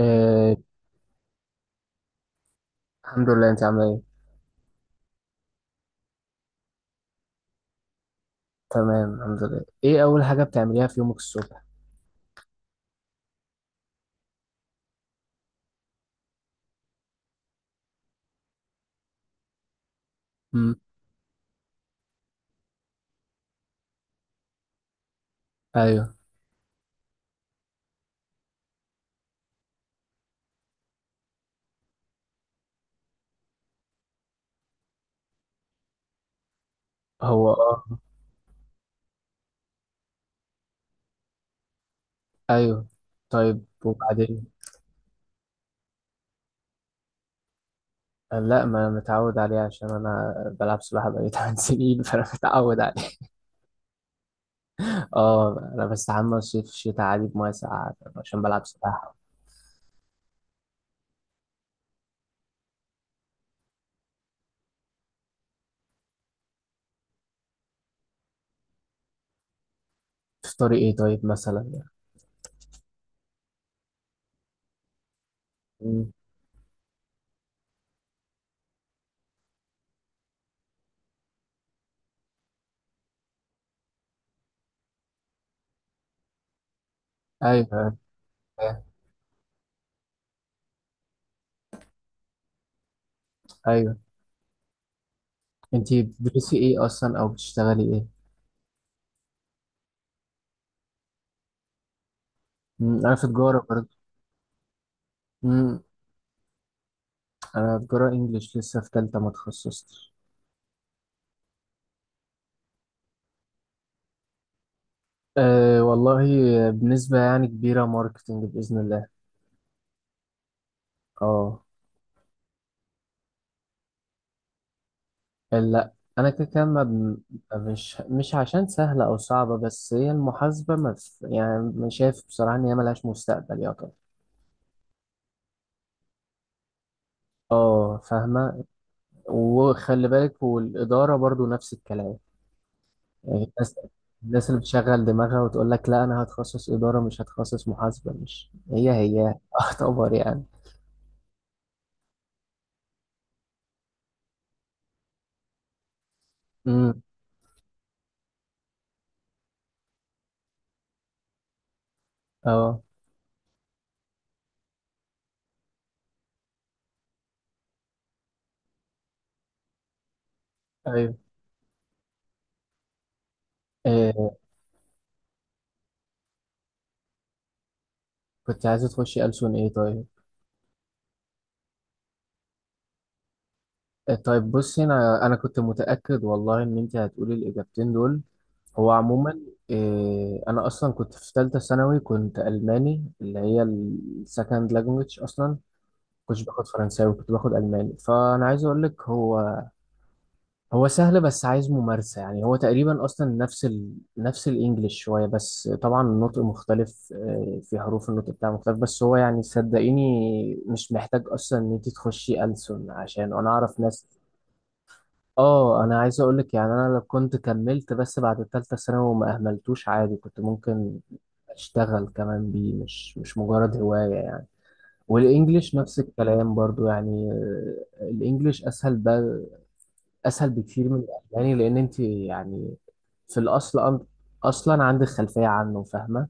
آه، الحمد لله، انت عامله ايه؟ تمام الحمد لله. ايه اول حاجه بتعمليها في يومك الصبح؟ امم. ايوه. هو اه. ايوه، طيب وبعدين؟ آه، لا، ما انا متعود عليه عشان انا بلعب سباحه بقالي 8 سنين فانا متعود عليه. اه انا بستحمى الصيف الشتاء عادي بميه ساقعه عشان بلعب سباحه. تفطري ايه طيب مثلا؟ امم. ايوه ايوه. انت بتدرسي ايه اصلا او بتشتغلي ايه؟ امم، انا في تجاره برضه. امم. انا تجاره انجليش، لسه في ثالثه ما تخصصتش. أه والله، بنسبة يعني كبيرة ماركتينج بإذن الله. اه. لا، أنا كده كده ما بن- مش عشان سهلة أو صعبة، بس هي المحاسبة ما ف- يعني مش شايف بصراحة إن هي ملهاش مستقبل يا طب. اه، فاهمة. وخلي بالك، والإدارة برضو نفس الكلام. يعني الناس اللي بتشغل دماغها وتقول لك لا أنا هتخصص إدارة مش هتخصص محاسبة، مش هي هي أعتبر يعني. امم. اه. أيوه. أه. كنت عايزة تخشي ألسن إيه طيب؟ طيب بصي، انا كنت متاكد والله ان انت هتقولي الاجابتين دول. هو عموما إيه، انا اصلا كنت في ثالثه ثانوي كنت الماني، اللي هي السكند لانجوج اصلا. كنتش باخد فرنساوي، كنت باخد الماني، فانا عايز اقول لك هو هو سهل، بس عايز ممارسه، يعني هو تقريبا اصلا نفس نفس الانجليش شويه، بس طبعا النطق مختلف إيه، في حروف النطق بتاعه مختلف. بس هو يعني صدقيني، مش محتاج اصلا ان انت تخشي ألسن عشان انا اعرف ناس. اه انا عايز اقول لك يعني انا لو كنت كملت بس بعد الثالثه ثانوي وما اهملتوش عادي كنت ممكن اشتغل كمان بيه، مش مجرد هوايه يعني. والانجليش نفس الكلام برضو يعني، الانجليش اسهل بقى. اسهل بكتير من الالماني، لان انت يعني في الاصل اصلا عندك خلفيه عنه، فاهمه؟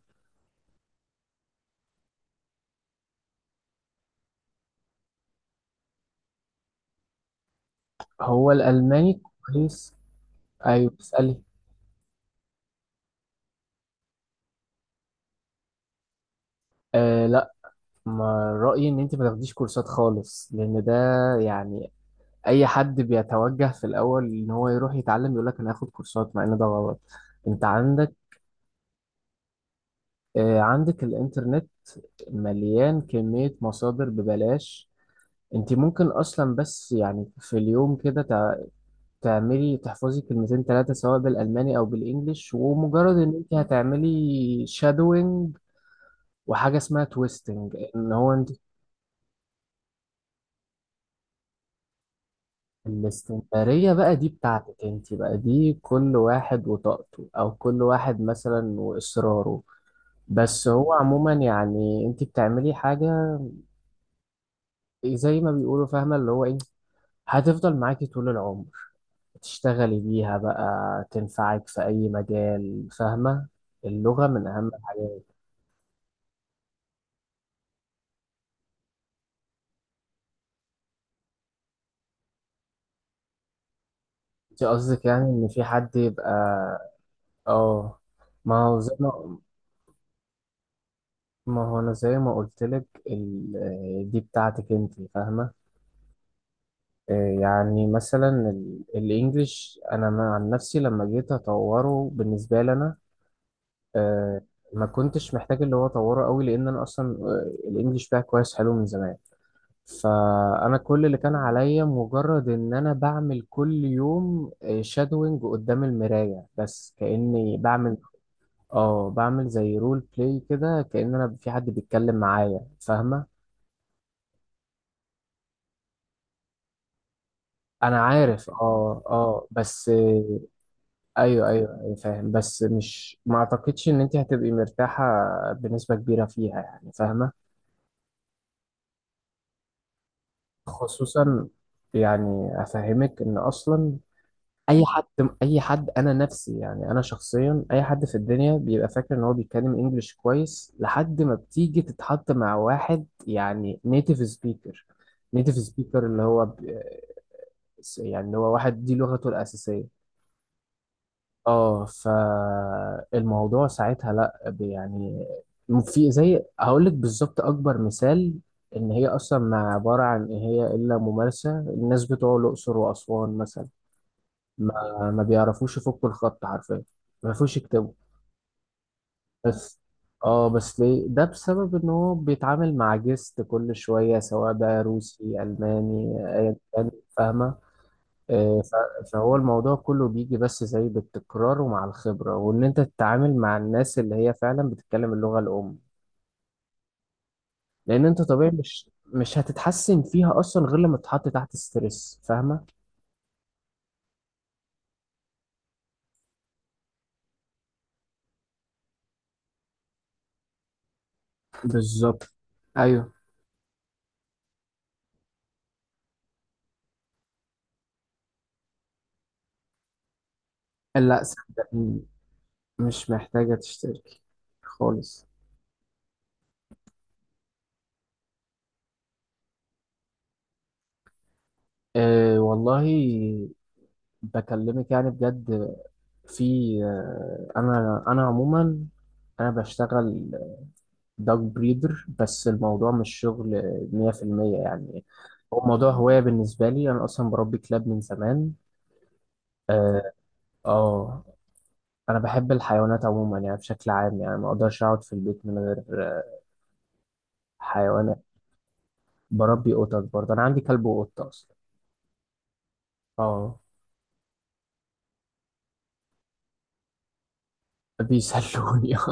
هو الالماني كويس. ايوه اسالي. آه، لا، ما رايي ان انت ما تاخديش كورسات خالص، لان ده يعني اي حد بيتوجه في الاول ان هو يروح يتعلم يقول لك انا هاخد كورسات، مع ان ده غلط. انت عندك، عندك الانترنت مليان كمية مصادر ببلاش. انت ممكن اصلا، بس يعني في اليوم كده تعملي تحفظي كلمتين ثلاثة سواء بالالماني او بالانجليش، ومجرد ان انت هتعملي شادوينج وحاجة اسمها تويستنج ان هو انت الاستمرارية بقى دي بتاعتك انت بقى، دي كل واحد وطاقته، او كل واحد مثلا واصراره. بس هو عموما يعني انت بتعملي حاجة زي ما بيقولوا، فاهمة اللي هو ايه؟ هتفضل معاكي طول العمر، تشتغلي بيها بقى، تنفعك في اي مجال، فاهمة؟ اللغة من اهم الحاجات. انت قصدك يعني ان في حد يبقى؟ اه. ما هو زي ما ما هو انا زي ما قلت لك دي بتاعتك انت، فاهمة؟ يعني مثلا الانجليش، انا عن نفسي لما جيت اطوره، بالنسبة لي انا آه، ما كنتش محتاج اللي هو اطوره قوي، لان انا اصلا الانجليش بتاعي كويس حلو من زمان. فانا كل اللي كان عليا مجرد ان انا بعمل كل يوم شادوينج قدام المرايه، بس كاني بعمل، اه، بعمل زي رول بلاي كده، كان انا في حد بيتكلم معايا، فاهمه. انا عارف. اه اه. بس ايوه ايوه أيوة، فاهم، بس مش ما اعتقدش ان انت هتبقي مرتاحه بنسبه كبيره فيها يعني، فاهمه؟ خصوصا يعني افهمك ان اصلا اي حد اي حد انا نفسي، يعني انا شخصيا اي حد في الدنيا بيبقى فاكر ان هو بيتكلم انجليش كويس لحد ما بتيجي تتحط مع واحد يعني نيتيف سبيكر. نيتيف سبيكر اللي هو يعني اللي هو واحد دي لغته الاساسيه. اه، فالموضوع ساعتها لا يعني، في زي هقول لك بالظبط اكبر مثال، ان هي اصلا ما عباره عن ايه هي الا ممارسه. الناس بتوع الاقصر واسوان مثلا، ما بيعرفوش يفكوا الخط حرفيا، ما بيعرفوش يكتبوا. بس اه، بس ليه ده؟ بسبب ان هو بيتعامل مع جست كل شويه سواء بقى روسي الماني ايا كان، فاهمه؟ فهو الموضوع كله بيجي بس زي بالتكرار، ومع الخبرة، وإن أنت تتعامل مع الناس اللي هي فعلا بتتكلم اللغة الأم. لأن أنت طبيعي مش هتتحسن فيها أصلا غير لما تتحط تحت ستريس، فاهمة؟ بالظبط. ايوه. لا صدقني، مش محتاجة تشتركي خالص. أه والله، بكلمك يعني بجد، في، أه، أنا عموما أنا بشتغل دوج بريدر، بس الموضوع مش شغل 100% يعني. هو موضوع هواية بالنسبة لي، أنا أصلا بربي كلاب من زمان. آه, آه أنا بحب الحيوانات عموما يعني بشكل عام، يعني ما أقدرش أقعد في البيت من غير حيوانات. بربي قطط برضه، أنا عندي كلب وقطة أصلا. آه. بيسلوني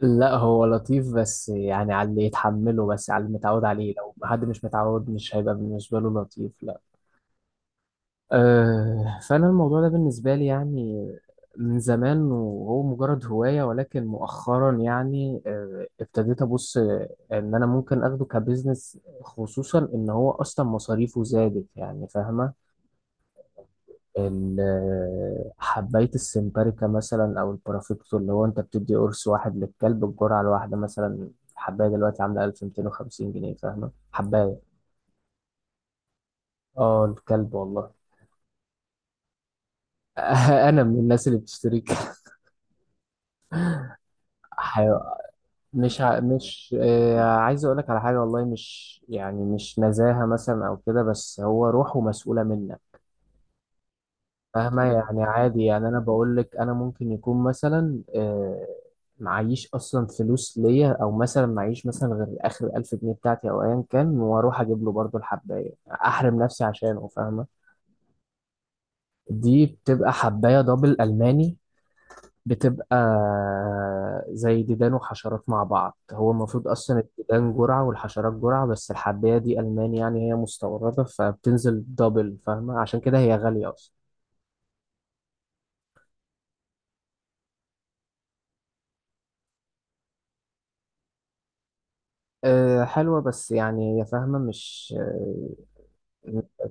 لا، هو لطيف، بس يعني على اللي يتحمله، بس على اللي متعود عليه، لو حد مش متعود مش هيبقى بالنسبة له لطيف، لا. فأنا الموضوع ده بالنسبة لي يعني من زمان وهو مجرد هواية، ولكن مؤخرا يعني ابتديت أبص إن أنا ممكن أخده كبزنس، خصوصا إن هو أصلا مصاريفه زادت يعني، فاهمة؟ حباية السمباريكا مثلا أو البرافيكتو، اللي هو أنت بتدي قرص واحد للكلب، الجرعة الواحدة مثلا. حباية دلوقتي عاملة 1250 جنيه، فاهمة حباية؟ اه، الكلب والله. انا من الناس اللي بتشتري. مش ع... مش آه عايز اقول لك على حاجه والله، مش يعني مش نزاهه مثلا او كده، بس هو روحه مسؤوله منك، فاهمه؟ يعني عادي يعني انا بقول لك، انا ممكن يكون مثلا معيش اصلا فلوس ليا، او مثلا معيش مثلا غير اخر 1000 جنيه بتاعتي او ايا كان، واروح اجيب له برضه الحبايه احرم نفسي عشانه، فاهمه؟ دي بتبقى حبايه دبل الماني، بتبقى زي ديدان وحشرات مع بعض. هو المفروض أصلا الديدان جرعة والحشرات جرعة، بس الحباية دي ألمان يعني هي مستوردة فبتنزل دبل، فاهمة؟ عشان كده هي غالية أصلا. أه حلوة، بس يعني هي فاهمة مش آه،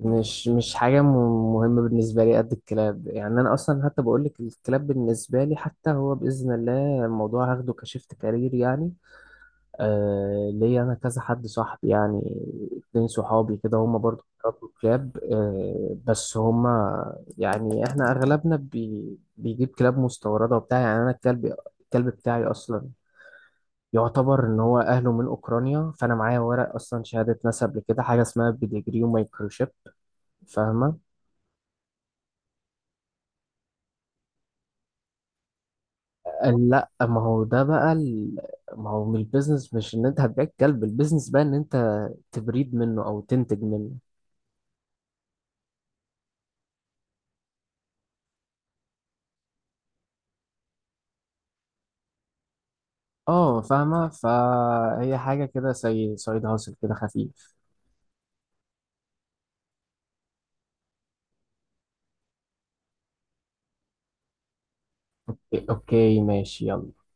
مش مش حاجة مهمة بالنسبة لي قد الكلاب. يعني أنا أصلا حتى بقول لك الكلاب بالنسبة لي، حتى هو بإذن الله الموضوع هاخده كشيفت كارير يعني. آه ليا انا كذا حد صاحبي، يعني اتنين صحابي كده هم برضو بيربوا كلاب. آه بس هم يعني احنا اغلبنا بيجيب كلاب مستورده وبتاع. يعني انا الكلب، الكلب بتاعي اصلا يعتبر ان هو اهله من اوكرانيا، فانا معايا ورق اصلا، شهاده نسب لكده، حاجه اسمها بيديجري ومايكروشيب، فاهمه. قال لا، ما هو ده بقى ما هو من البيزنس، مش ان انت هتبيع الكلب، البيزنس بقى ان انت تبريد منه او تنتج منه. اه فاهمة. فهي حاجة كده زي سايد هاسل كده خفيف. إيه، اوكي ماشي يلا.